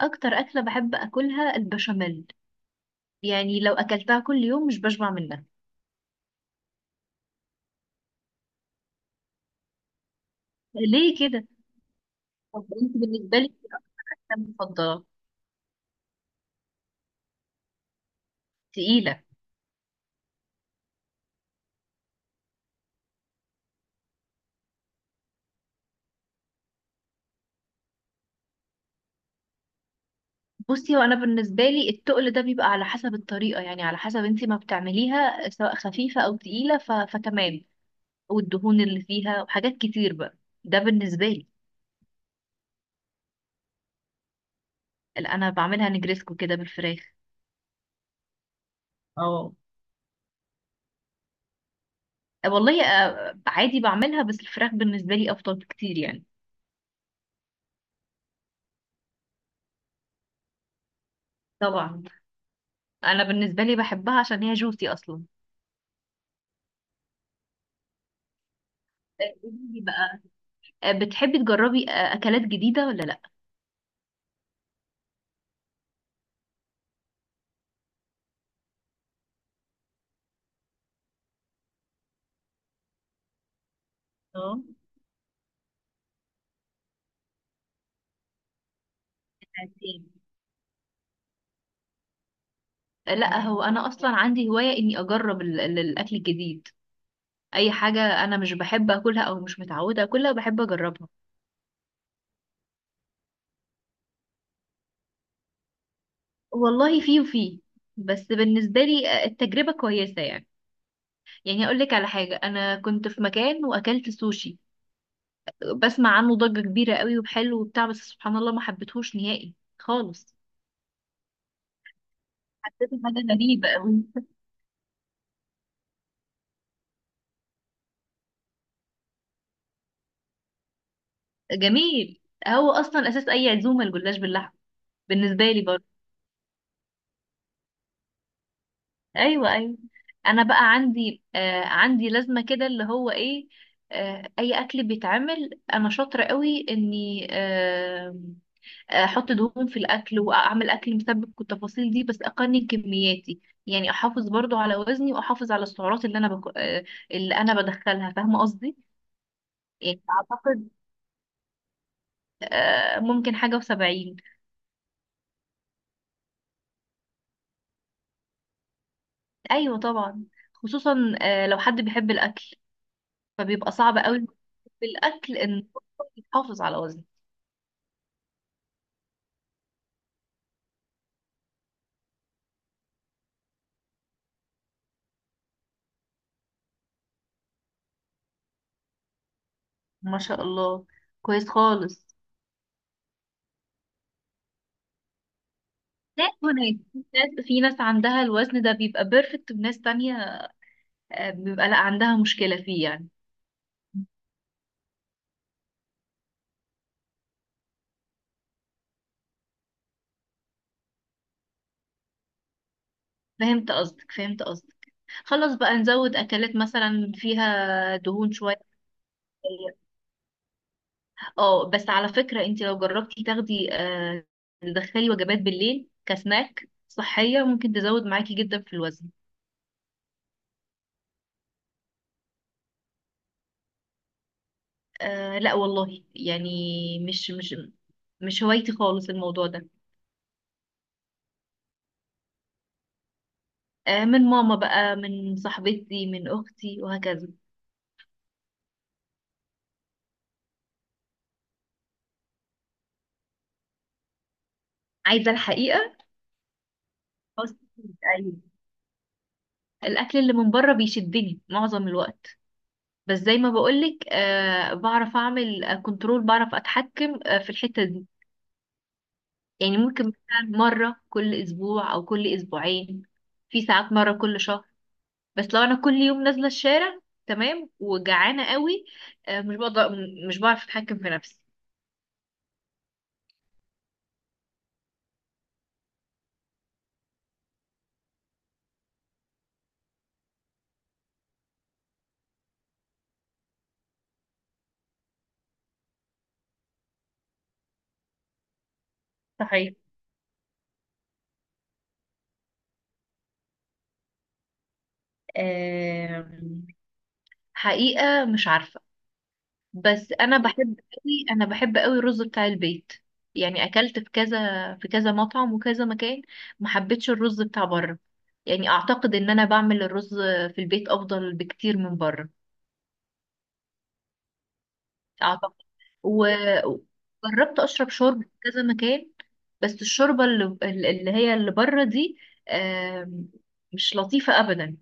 اكتر اكله بحب اكلها البشاميل. يعني لو اكلتها كل يوم مش بشبع منها. ليه كده؟ طب انت بالنسبه لك إيه اكتر أكلة مفضله؟ تقيله. بصي، وانا بالنسبه لي التقل ده بيبقى على حسب الطريقه، يعني على حسب انت ما بتعمليها، سواء خفيفه او تقيله، فتمام. والدهون اللي فيها وحاجات كتير بقى، ده بالنسبه لي. اللي انا بعملها نجريسكو كده بالفراخ. اه. والله عادي بعملها، بس الفراخ بالنسبه لي افضل بكتير يعني. طبعا. انا بالنسبه لي بحبها عشان هي جوسي اصلا. قولي لي بقى. بتحبي تجربي اكلات جديده ولا لا؟ اه. لا، هو انا اصلا عندي هوايه اني اجرب الاكل الجديد. اي حاجه انا مش بحب اكلها او مش متعوده اكلها بحب اجربها. والله في وفي. بس بالنسبه لي التجربه كويسه يعني. يعني اقول لك على حاجه، انا كنت في مكان واكلت سوشي. بسمع عنه ضجه كبيره قوي وحلو وبتاع، بس سبحان الله ما حبيتهوش نهائي خالص. حسيته حاجه غريبه قوي. جميل. هو اصلا اساس اي عزومه الجلاش باللحمه. بالنسبه لي برضه. ايوه ايوه. انا بقى عندي عندي لازمه كده، اللي هو ايه، اي اكل بيتعمل انا شاطره قوي اني احط دهون في الاكل واعمل اكل مسبك والتفاصيل دي، بس اقنن كمياتي. يعني احافظ برضو على وزني واحافظ على السعرات اللي انا بدخلها، فاهمه قصدي. يعني اعتقد ممكن حاجه وسبعين. ايوه طبعا. خصوصا لو حد بيحب الاكل فبيبقى صعب قوي بالأكل إن يحافظ على وزنه. ما شاء الله. كويس خالص. لا، وناس، في ناس عندها الوزن ده بيبقى بيرفكت، وناس تانية بيبقى لا عندها مشكلة فيه يعني. فهمت قصدك فهمت قصدك. خلاص بقى نزود أكلات مثلا فيها دهون شوية. اه، بس على فكرة، انت لو جربتي تاخدي تدخلي وجبات بالليل كسناك صحية ممكن تزود معاكي جدا في الوزن. لا والله يعني، مش مش مش هوايتي خالص الموضوع ده. من ماما بقى، من صاحبتي، من اختي، وهكذا. عايزه الحقيقه. فاست فود ايوه. الاكل اللي من بره بيشدني معظم الوقت. بس زي ما بقولك بعرف اعمل كنترول، بعرف اتحكم في الحته دي. يعني ممكن مثلا مره كل اسبوع او كل اسبوعين، في ساعات مره كل شهر. بس لو انا كل يوم نازله الشارع تمام وجعانه قوي، مش بقدر، مش بعرف اتحكم في نفسي. صحيح. آه. حقيقه مش عارفه. بس انا بحب قوي، انا بحب قوي الرز بتاع البيت. يعني اكلت في كذا، في كذا مطعم وكذا مكان، ما حبيتش الرز بتاع بره. يعني اعتقد ان انا بعمل الرز في البيت افضل بكتير من بره. اعتقد. وجربت اشرب شوربه في كذا مكان، بس الشوربه اللي هي اللي بره دي آم، مش لطيفه ابدا.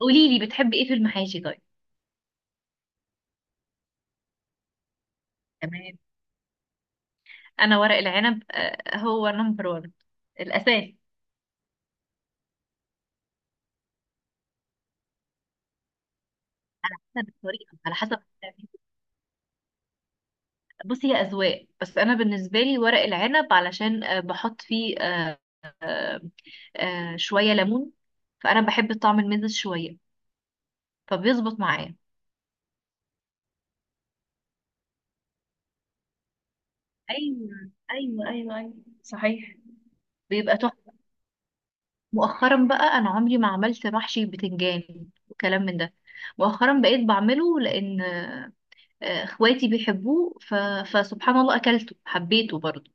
قولي لي، بتحبي ايه في المحاشي طيب؟ تمام. انا ورق العنب هو نمبر 1، الاساس. احنا بالطريقه على حسب. بصي، هي اذواق، بس انا بالنسبه لي ورق العنب علشان بحط فيه شويه ليمون، فانا بحب طعم المزز شويه، فبيظبط معايا. ايوه ايوه ايوه ايوه. صحيح. بيبقى تحفه. مؤخرا بقى، انا عمري ما عملت محشي بتنجان وكلام من ده. مؤخرا بقيت بعمله لان اخواتي بيحبوه، فسبحان الله اكلته حبيته برضه.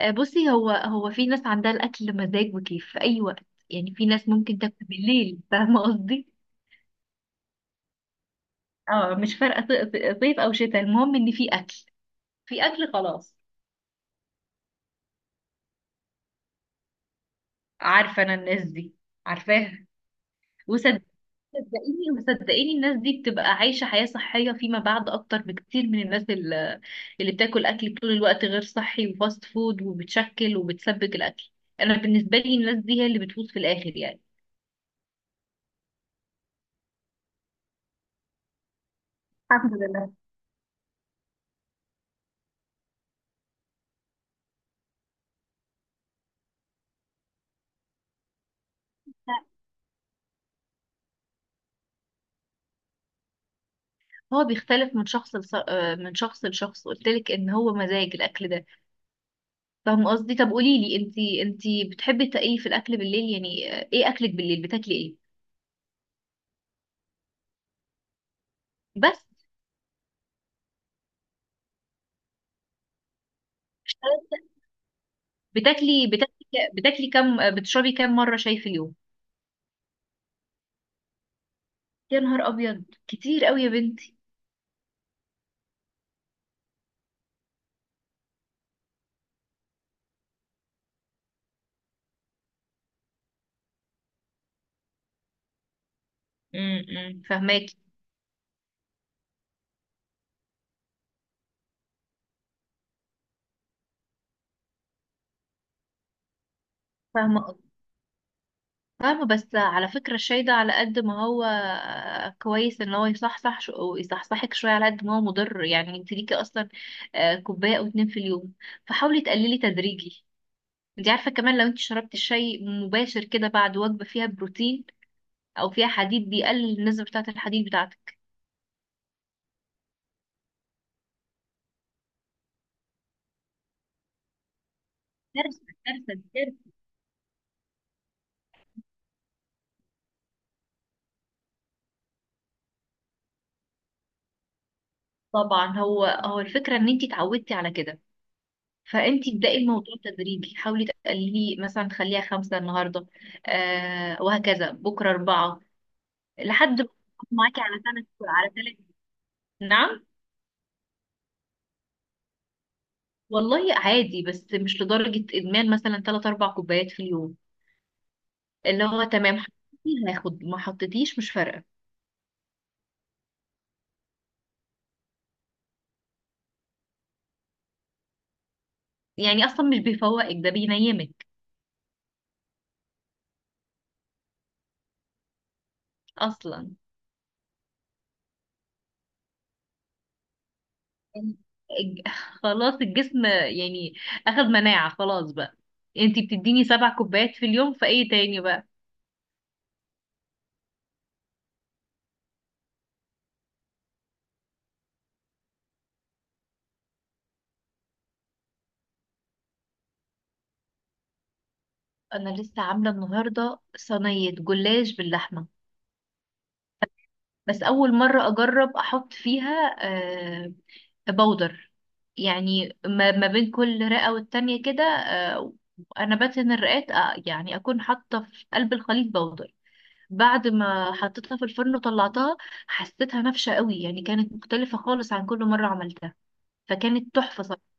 بصي، هو في ناس عندها الاكل مزاج وكيف في اي وقت. يعني في ناس ممكن تاكل بالليل، فاهمه قصدي. اه مش فارقه، صيف او شتاء، المهم ان في اكل، في اكل خلاص. عارفه انا الناس دي، عارفاها. وصدقيني، صدقيني وصدقيني، الناس دي بتبقى عايشه حياه صحيه فيما بعد اكتر بكتير من الناس اللي بتاكل اكل طول الوقت غير صحي وفاست فود، وبتشكل وبتسبك الاكل. انا بالنسبه لي الناس دي هي اللي بتفوز في الاخر يعني. الحمد لله. هو بيختلف من شخص لشخص. قلت لك ان هو مزاج الاكل ده، فاهم قصدي؟ طب قولي لي، انتي ايه في الاكل بالليل يعني، ايه اكلك بالليل، بتاكلي ايه؟ بس، بتاكلي كام، بتشربي كام مره شاي في اليوم؟ يا نهار ابيض، كتير قوي يا بنتي. امم، فاهماكي. فاهمه فاهمة. بس على فكرة الشاي ده، على قد ما هو كويس ان هو ويصحصحك شوية، على قد ما هو مضر. يعني انت ليكي اصلا كوباية او اتنين في اليوم، فحاولي تقللي تدريجي. انت عارفة كمان لو انت شربتي الشاي مباشر كده بعد وجبة فيها بروتين او فيها حديد، بيقلل النسبة بتاعة الحديد بتاعتك. كارثة كارثة كارثة. طبعا، هو الفكرة ان انت اتعودتي على كده، فانت ابدأي الموضوع تدريجي. حاولي تقللي، مثلا خليها 5 النهاردة وهكذا، بكرة 4، لحد ما معاكي على سنة، على ثلاث. نعم. والله عادي، بس مش لدرجة إدمان، مثلا ثلاث أربع كوبايات في اليوم، اللي هو تمام حطيتي هاخد، ما حطيتيش مش فارقة يعني. أصلا مش بيفوقك، ده بينيمك أصلا يعني. الج- خلاص، الجسم يعني أخد مناعة خلاص بقى. انتي بتديني 7 كوبايات في اليوم، فايه تاني بقى؟ انا لسه عامله النهارده صينيه جلاش باللحمه، بس اول مره اجرب احط فيها آه، بودر. يعني ما بين كل رئه والتانية كده، انا بدهن الرئات، يعني اكون حاطه في قلب الخليط بودر. بعد ما حطيتها في الفرن وطلعتها حسيتها نافشه قوي، يعني كانت مختلفه خالص عن كل مره عملتها، فكانت تحفه صراحه.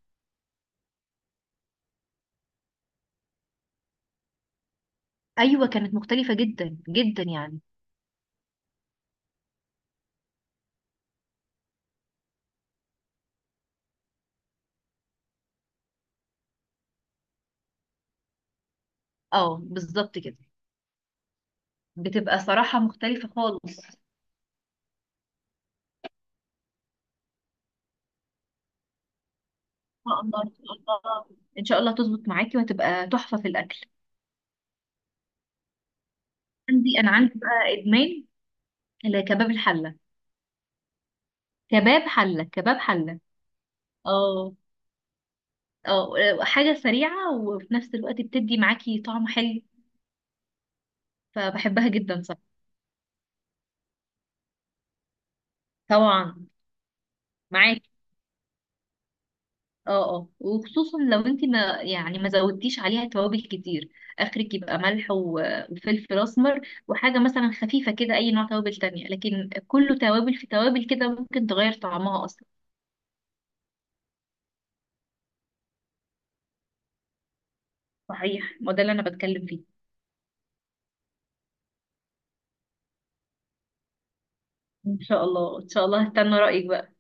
ايوه كانت مختلفه جدا جدا يعني. اه بالظبط كده. بتبقى صراحه مختلفه خالص. ان شاء الله ان شاء الله. ان شاء الله تظبط معاكي وهتبقى تحفه في الاكل. عندي، انا عندي بقى ادمان الكباب الحله. كباب حله كباب حله. اه. اه، حاجه سريعه وفي نفس الوقت بتدي معاكي طعم حلو، فبحبها جدا. صح. طبعا. معاكي. اه اه، وخصوصا لو انت ما يعني ما زودتيش عليها توابل كتير. اخرك يبقى ملح وفلفل اسمر وحاجه مثلا خفيفه كده. اي نوع توابل تانية، لكن كله توابل في توابل كده، ممكن تغير طعمها اصلا. صحيح، ما ده اللي انا بتكلم فيه. ان شاء الله، ان شا الله هستنى رايك بقى.